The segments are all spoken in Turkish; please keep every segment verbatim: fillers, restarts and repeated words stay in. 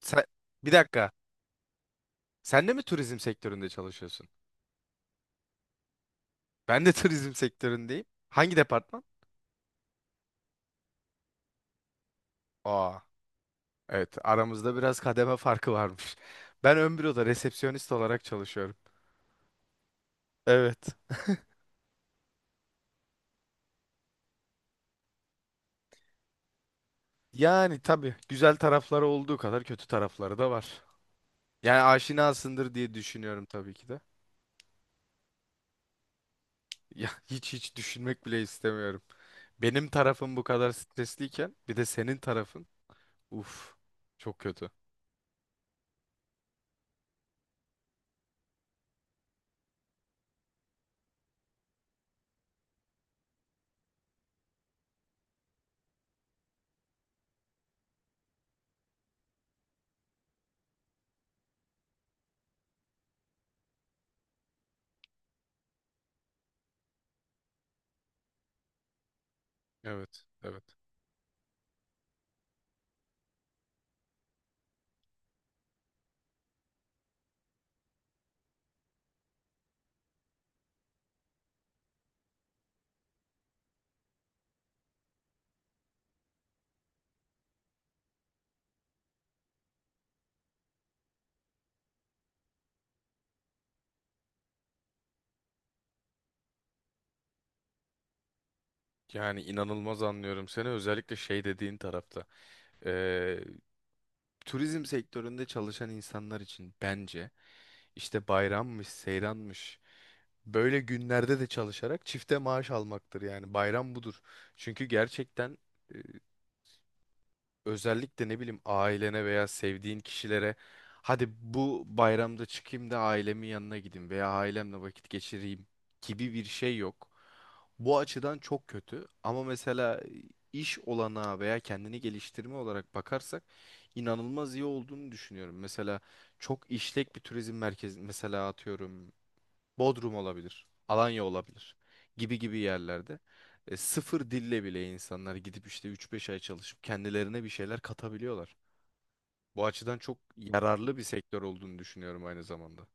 Sen, bir dakika. Sen de mi turizm sektöründe çalışıyorsun? Ben de turizm sektöründeyim. Hangi departman? Aa, evet aramızda biraz kademe farkı varmış. Ben ön büroda resepsiyonist olarak çalışıyorum. Evet. Yani tabii güzel tarafları olduğu kadar kötü tarafları da var. Yani aşinasındır diye düşünüyorum tabii ki de. Ya hiç hiç düşünmek bile istemiyorum. Benim tarafım bu kadar stresliyken bir de senin tarafın. Uf, çok kötü. Evet, evet. Yani inanılmaz anlıyorum seni özellikle şey dediğin tarafta. Ee, turizm sektöründe çalışan insanlar için bence işte bayrammış, seyranmış böyle günlerde de çalışarak çifte maaş almaktır yani bayram budur. Çünkü gerçekten özellikle ne bileyim ailene veya sevdiğin kişilere hadi bu bayramda çıkayım da ailemin yanına gideyim veya ailemle vakit geçireyim gibi bir şey yok. Bu açıdan çok kötü ama mesela e, iş olanağı veya kendini geliştirme olarak bakarsak inanılmaz iyi olduğunu düşünüyorum. Mesela çok işlek bir turizm merkezi mesela atıyorum Bodrum olabilir, Alanya olabilir gibi gibi yerlerde e, sıfır dille bile insanlar gidip işte üç beş ay çalışıp kendilerine bir şeyler katabiliyorlar. Bu açıdan çok yararlı bir sektör olduğunu düşünüyorum aynı zamanda.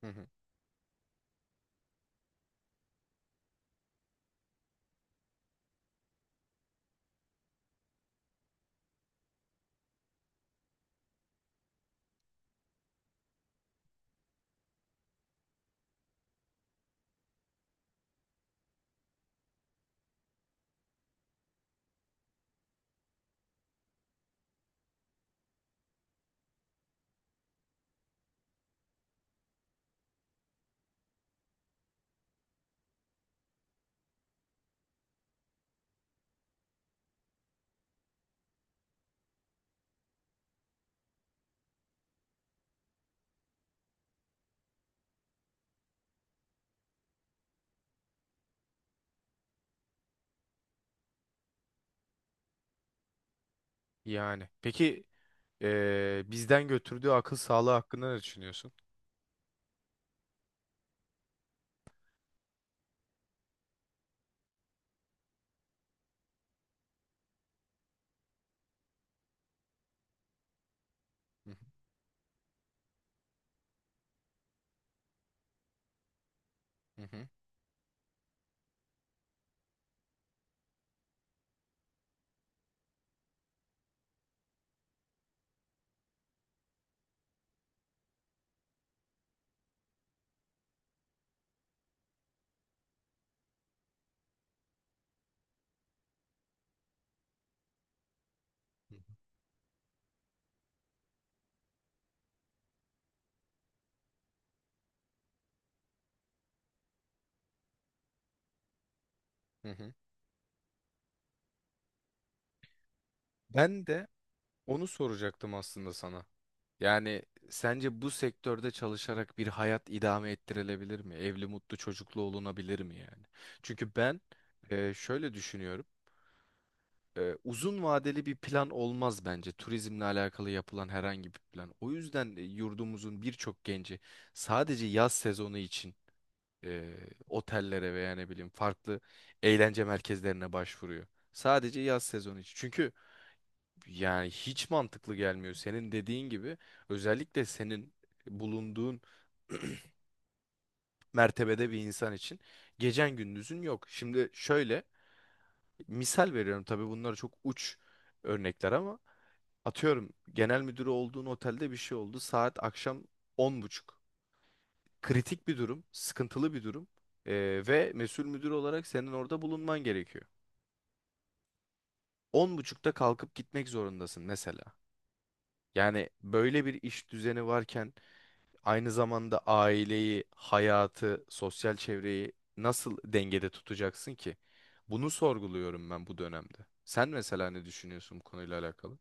Hı hı. Yani peki e, bizden götürdüğü akıl sağlığı hakkında ne düşünüyorsun? Hı hı. Hı hı. Hı hı. Ben de onu soracaktım aslında sana. Yani sence bu sektörde çalışarak bir hayat idame ettirilebilir mi? Evli, mutlu, çocuklu olunabilir mi yani? Çünkü ben e, şöyle düşünüyorum. E, uzun vadeli bir plan olmaz bence turizmle alakalı yapılan herhangi bir plan. O yüzden e, yurdumuzun birçok genci sadece yaz sezonu için e, otellere veya ne bileyim farklı eğlence merkezlerine başvuruyor. Sadece yaz sezonu için. Çünkü yani hiç mantıklı gelmiyor. Senin dediğin gibi özellikle senin bulunduğun mertebede bir insan için gecen gündüzün yok. Şimdi şöyle misal veriyorum, tabii bunlar çok uç örnekler ama atıyorum genel müdürü olduğun otelde bir şey oldu. Saat akşam on buçuk. Kritik bir durum, sıkıntılı bir durum. Ee, Ve mesul müdür olarak senin orada bulunman gerekiyor. On buçukta kalkıp gitmek zorundasın mesela. Yani böyle bir iş düzeni varken aynı zamanda aileyi, hayatı, sosyal çevreyi nasıl dengede tutacaksın ki? Bunu sorguluyorum ben bu dönemde. Sen mesela ne düşünüyorsun bu konuyla alakalı?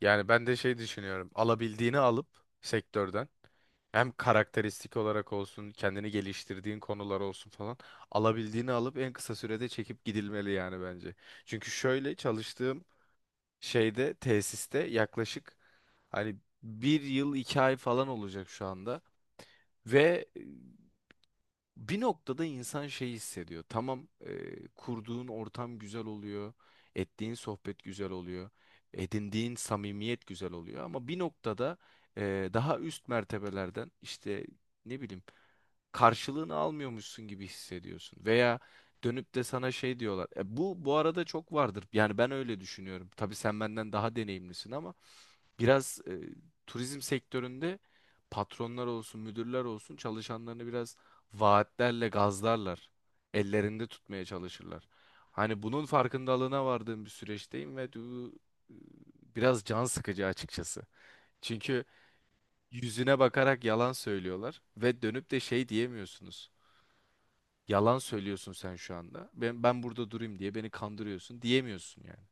Yani ben de şey düşünüyorum. Alabildiğini alıp sektörden hem karakteristik olarak olsun, kendini geliştirdiğin konular olsun falan alabildiğini alıp en kısa sürede çekip gidilmeli yani bence. Çünkü şöyle çalıştığım şeyde, tesiste yaklaşık hani bir yıl iki ay falan olacak şu anda. Ve e, bir noktada insan şey hissediyor. Tamam, e, kurduğun ortam güzel oluyor, ettiğin sohbet güzel oluyor, edindiğin samimiyet güzel oluyor. Ama bir noktada e, daha üst mertebelerden işte ne bileyim karşılığını almıyormuşsun gibi hissediyorsun. Veya dönüp de sana şey diyorlar. E, bu bu arada çok vardır. Yani ben öyle düşünüyorum. Tabii sen benden daha deneyimlisin ama biraz e, turizm sektöründe patronlar olsun, müdürler olsun çalışanlarını biraz vaatlerle gazlarlar. Ellerinde tutmaya çalışırlar. Hani bunun farkındalığına vardığım bir süreçteyim ve bu e, biraz can sıkıcı açıkçası. Çünkü yüzüne bakarak yalan söylüyorlar ve dönüp de şey diyemiyorsunuz. Yalan söylüyorsun sen şu anda. Ben, ben burada durayım diye beni kandırıyorsun diyemiyorsun yani.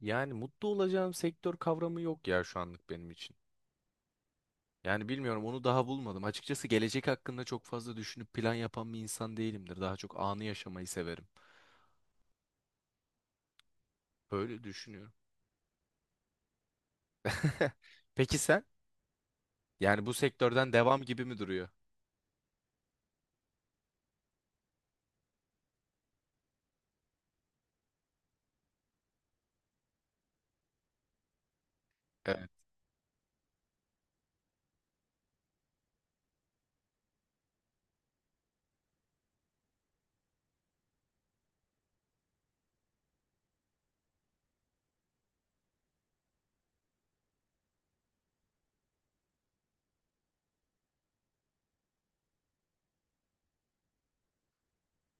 Yani mutlu olacağım sektör kavramı yok ya şu anlık benim için. Yani bilmiyorum, onu daha bulmadım. Açıkçası gelecek hakkında çok fazla düşünüp plan yapan bir insan değilimdir. Daha çok anı yaşamayı severim. Böyle düşünüyorum. Peki sen? Yani bu sektörden devam gibi mi duruyor? Evet.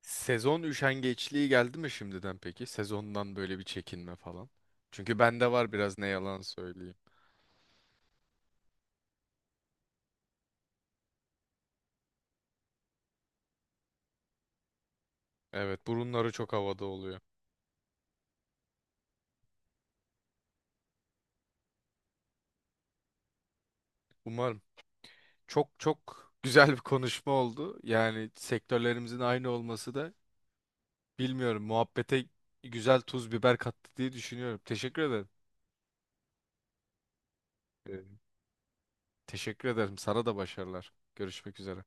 Sezon üşengeçliği geldi mi şimdiden peki? Sezondan böyle bir çekinme falan. Çünkü bende var biraz, ne yalan söyleyeyim. Evet, burunları çok havada oluyor. Umarım. Çok çok güzel bir konuşma oldu. Yani sektörlerimizin aynı olması da bilmiyorum muhabbete güzel tuz biber kattı diye düşünüyorum. Teşekkür ederim. Ee, Teşekkür ederim. Sana da başarılar. Görüşmek üzere.